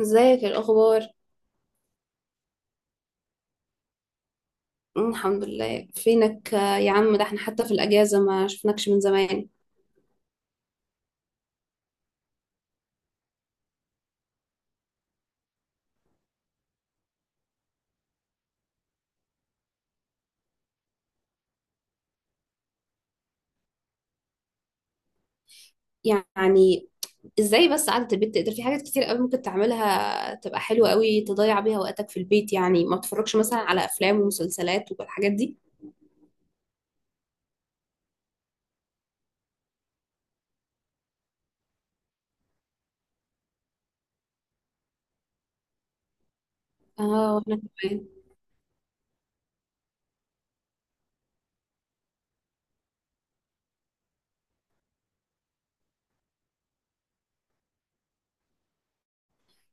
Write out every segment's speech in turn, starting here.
ازيك؟ ايه الاخبار؟ الحمد لله. فينك؟ يا عم ده احنا حتى في الاجازه ما شفناكش من زمان. يعني ازاي بس؟ قعدة البيت تقدر في حاجات كتير قوي ممكن تعملها، تبقى حلوه قوي تضيع بيها وقتك في البيت. يعني ما تتفرجش مثلا على افلام ومسلسلات والحاجات دي؟ اه. انا كمان.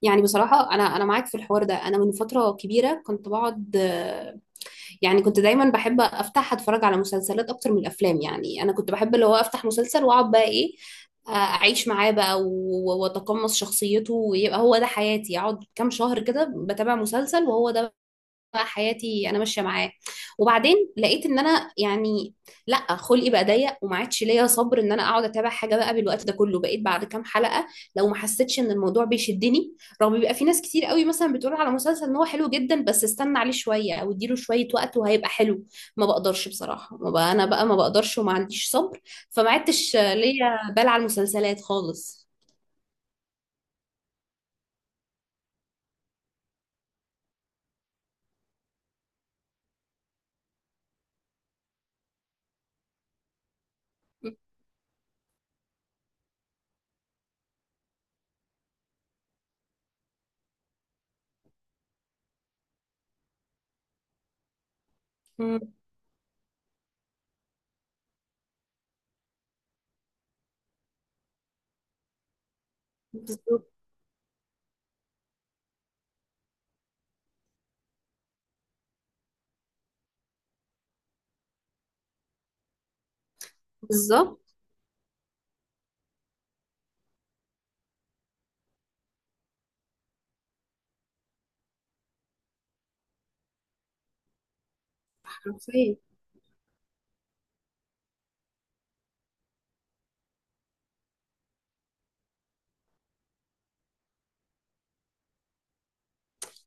يعني بصراحه انا معاك في الحوار ده. انا من فتره كبيره كنت بقعد، يعني كنت دايما بحب افتح اتفرج على مسلسلات اكتر من الافلام. يعني انا كنت بحب اللي هو افتح مسلسل واقعد بقى ايه، اعيش معاه بقى واتقمص شخصيته ويبقى هو ده حياتي، اقعد كام شهر كده بتابع مسلسل وهو ده حياتي انا ماشيه معاه. وبعدين لقيت ان انا يعني لا، خلقي بقى ضيق وما عادش ليا صبر ان انا اقعد اتابع حاجه بقى بالوقت ده كله. بقيت بعد كام حلقه لو ما حسيتش ان الموضوع بيشدني، رغم بيبقى في ناس كتير قوي مثلا بتقول على مسلسل ان هو حلو جدا بس استنى عليه شويه او اديله شويه وقت وهيبقى حلو. ما بقدرش بصراحه، ما بقى انا بقى ما بقدرش وما عنديش صبر. فما عدتش ليا بال على المسلسلات خالص. م- م- بالظبط. بالظبط. حرفيا.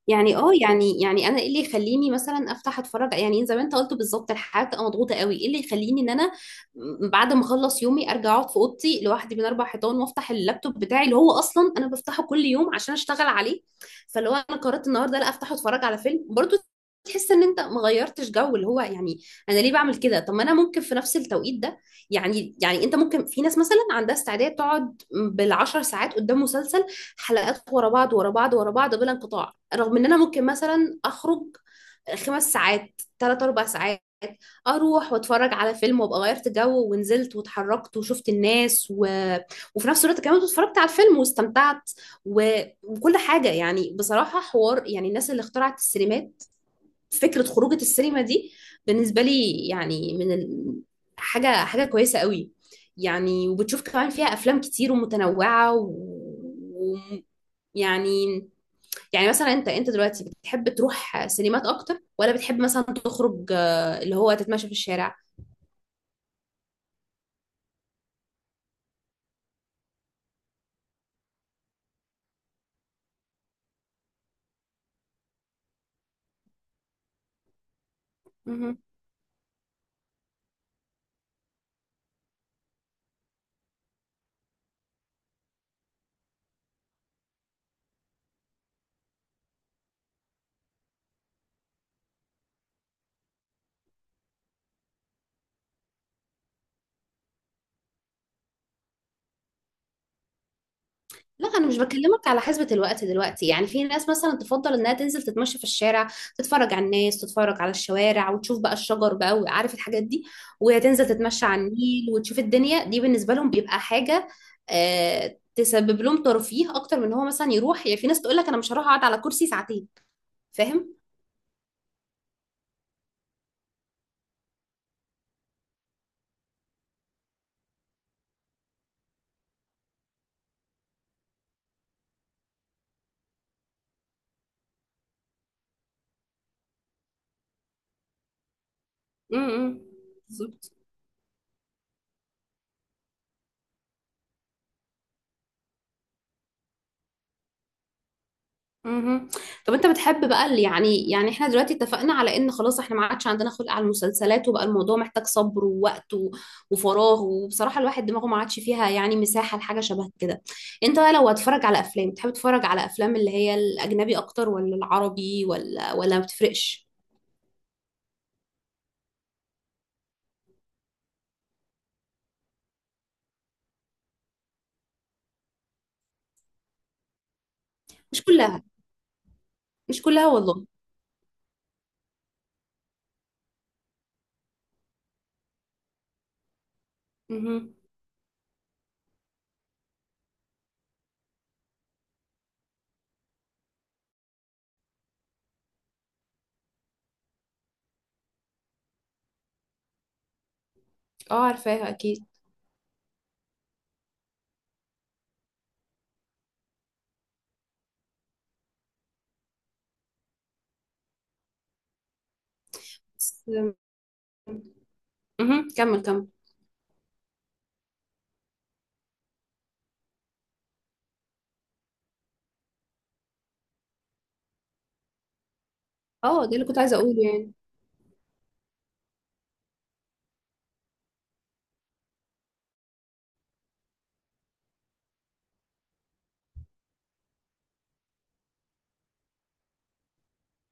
يعني اه، يعني انا ايه اللي يخليني مثلا افتح اتفرج؟ يعني زي ما انت قلت بالظبط، الحياه بتبقى مضغوطه قوي. ايه اللي يخليني ان انا بعد ما اخلص يومي ارجع اقعد في اوضتي لوحدي بين اربع حيطان وافتح اللابتوب بتاعي اللي هو اصلا انا بفتحه كل يوم عشان اشتغل عليه؟ فلو انا قررت النهارده لا افتح اتفرج على فيلم برضو، تحس ان انت ما غيرتش جو. اللي هو يعني انا ليه بعمل كده؟ طب ما انا ممكن في نفس التوقيت ده يعني انت ممكن، في ناس مثلا عندها استعداد تقعد بالعشر ساعات قدام مسلسل، حلقات ورا بعض ورا بعض ورا بعض بلا انقطاع، رغم ان انا ممكن مثلا اخرج خمس ساعات، ثلاث اربع ساعات، اروح واتفرج على فيلم وابقى غيرت جو ونزلت واتحركت وشفت الناس وفي نفس الوقت كمان اتفرجت على الفيلم واستمتعت وكل حاجه. يعني بصراحه حوار، يعني الناس اللي اخترعت السينمات، فكرة خروجة السينما دي بالنسبة لي يعني حاجة حاجة كويسة قوي. يعني وبتشوف كمان فيها أفلام كتير ومتنوعة و... يعني يعني مثلا انت دلوقتي بتحب تروح سينمات اكتر، ولا بتحب مثلا تخرج اللي هو تتمشى في الشارع؟ لا، انا مش بكلمك على حسبة الوقت دلوقتي. يعني في ناس مثلا تفضل انها تنزل تتمشى في الشارع، تتفرج على الناس، تتفرج على الشوارع وتشوف بقى الشجر بقى وعارف الحاجات دي، وهي تنزل تتمشى على النيل وتشوف الدنيا دي. بالنسبة لهم بيبقى حاجة آه تسبب لهم ترفيه اكتر من هو مثلا يروح. يعني في ناس تقول لك انا مش هروح اقعد على كرسي ساعتين. فاهم. امم. مهم. طب انت بتحب بقى اللي يعني، يعني احنا دلوقتي اتفقنا على ان خلاص احنا ما عادش عندنا خلق على المسلسلات وبقى الموضوع محتاج صبر ووقت وفراغ، وبصراحة الواحد دماغه ما عادش فيها يعني مساحة لحاجة شبه كده. انت بقى لو هتتفرج على افلام، تحب تتفرج على افلام اللي هي الاجنبي اكتر ولا العربي، ولا ما بتفرقش؟ مش كلها. مش كلها والله. مهم. اه، عارفاها اكيد. بس-. مهم. كمل كمل. اه ده اللي كنت عايزة اقوله يعني.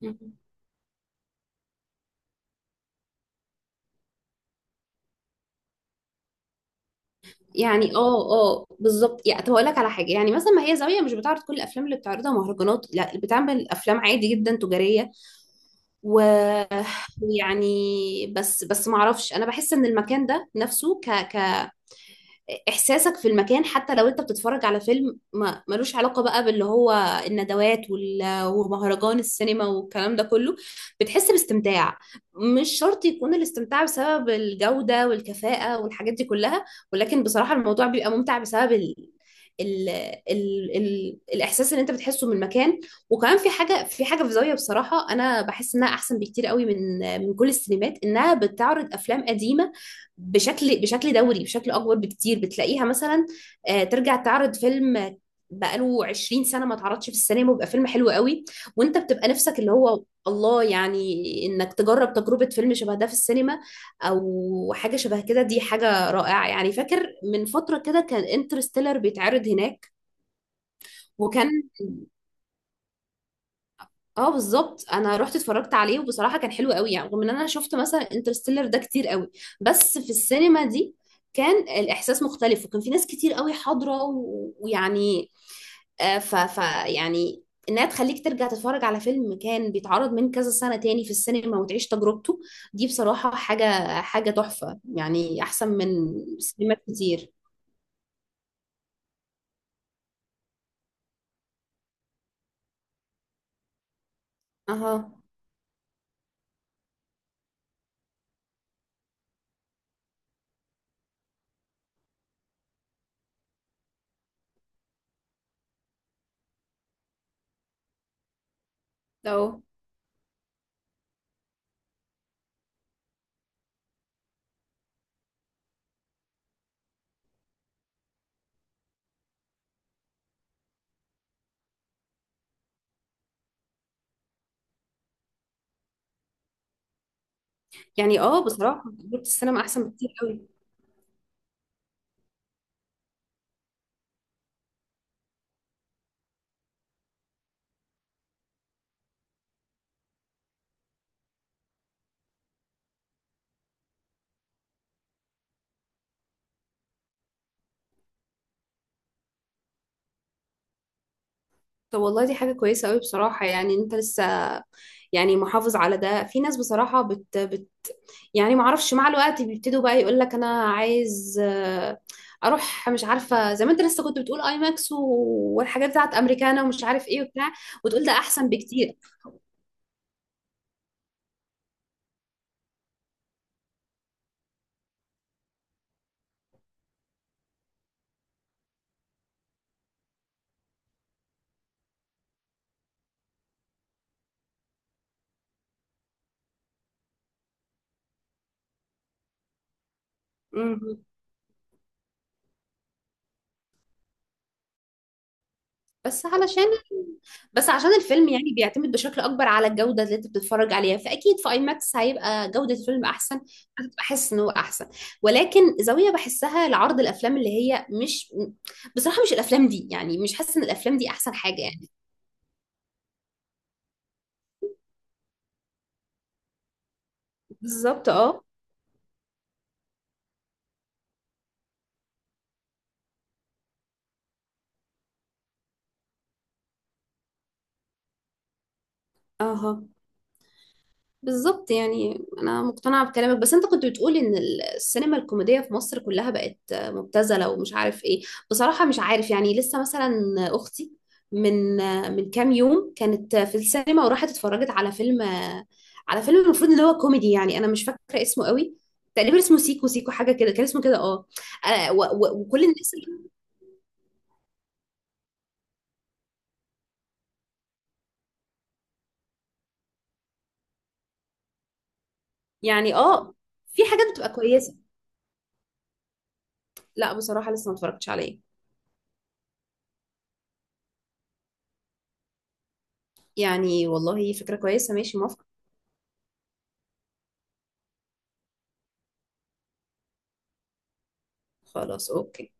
مهم. يعني اه بالظبط. يعني طب هقول لك على حاجه، يعني مثلا ما هي زاويه مش بتعرض كل الافلام اللي بتعرضها مهرجانات، لا، بتعمل افلام عادي جدا تجاريه. ويعني بس ما اعرفش، انا بحس ان المكان ده نفسه ك ك احساسك في المكان حتى لو انت بتتفرج على فيلم ما ملوش علاقه بقى باللي هو الندوات ومهرجان السينما والكلام ده كله، بتحس باستمتاع. مش شرط يكون الاستمتاع بسبب الجوده والكفاءه والحاجات دي كلها، ولكن بصراحه الموضوع بيبقى ممتع بسبب ال... الاحساس اللي انت بتحسه من المكان. وكمان في حاجه، في زاويه بصراحه، انا بحس انها احسن بكتير قوي من من كل السينمات، انها بتعرض افلام قديمه بشكل دوري بشكل اكبر بكتير. بتلاقيها مثلا ترجع تعرض فيلم بقاله 20 سنه ما اتعرضش في السينما ويبقى فيلم حلو قوي، وانت بتبقى نفسك اللي هو الله، يعني انك تجرب تجربه فيلم شبه ده في السينما او حاجه شبه كده. دي حاجه رائعه يعني. فاكر من فتره كده كان انترستيلر بيتعرض هناك، وكان اه بالظبط، انا رحت اتفرجت عليه وبصراحه كان حلو قوي. يعني رغم ان انا شفت مثلا انترستيلر ده كتير قوي، بس في السينما دي كان الاحساس مختلف وكان في ناس كتير قوي حاضره ويعني آه، ف ف يعني انها تخليك ترجع تتفرج على فيلم كان بيتعرض من كذا سنه تاني في السينما وتعيش تجربته، دي بصراحه حاجه تحفه، يعني احسن من سينمات كتير. اها. لو. يعني اه بصراحه تجربه السينما احسن بكتير قوي. طب والله دي حاجة كويسة أوي بصراحة. يعني أنت يعني محافظ على ده. في ناس بصراحة بت, بت يعني معرفش، مع الوقت بيبتدوا بقى يقول لك أنا عايز، أروح مش عارفة، زي ما أنت لسه كنت بتقول أي ماكس والحاجات بتاعت أمريكانا ومش عارف إيه وبتاع، وتقول ده أحسن بكتير. مم. بس علشان، بس عشان الفيلم يعني بيعتمد بشكل اكبر على الجوده اللي انت بتتفرج عليها، فاكيد في اي ماكس هيبقى جوده الفيلم احسن، بحس ان هو احسن. ولكن زاويه بحسها لعرض الافلام اللي هي مش، بصراحه مش الافلام دي، يعني مش حاسه ان الافلام دي احسن حاجه يعني. بالظبط اه. اها بالظبط. يعني انا مقتنعه بكلامك، بس انت كنت بتقول ان السينما الكوميديه في مصر كلها بقت مبتذله ومش عارف ايه. بصراحه مش عارف، يعني لسه مثلا اختي من من كام يوم كانت في السينما وراحت اتفرجت على فيلم، على فيلم المفروض ان هو كوميدي، يعني انا مش فاكره اسمه قوي. تقريبا اسمه سيكو سيكو حاجه كده، كان اسمه كده اه. وكل الناس اللي يعني اه، في حاجات بتبقى كويسه. لا بصراحه لسه ما اتفرجتش عليه. يعني والله فكره كويسه، ماشي، موافقه. خلاص، اوكي.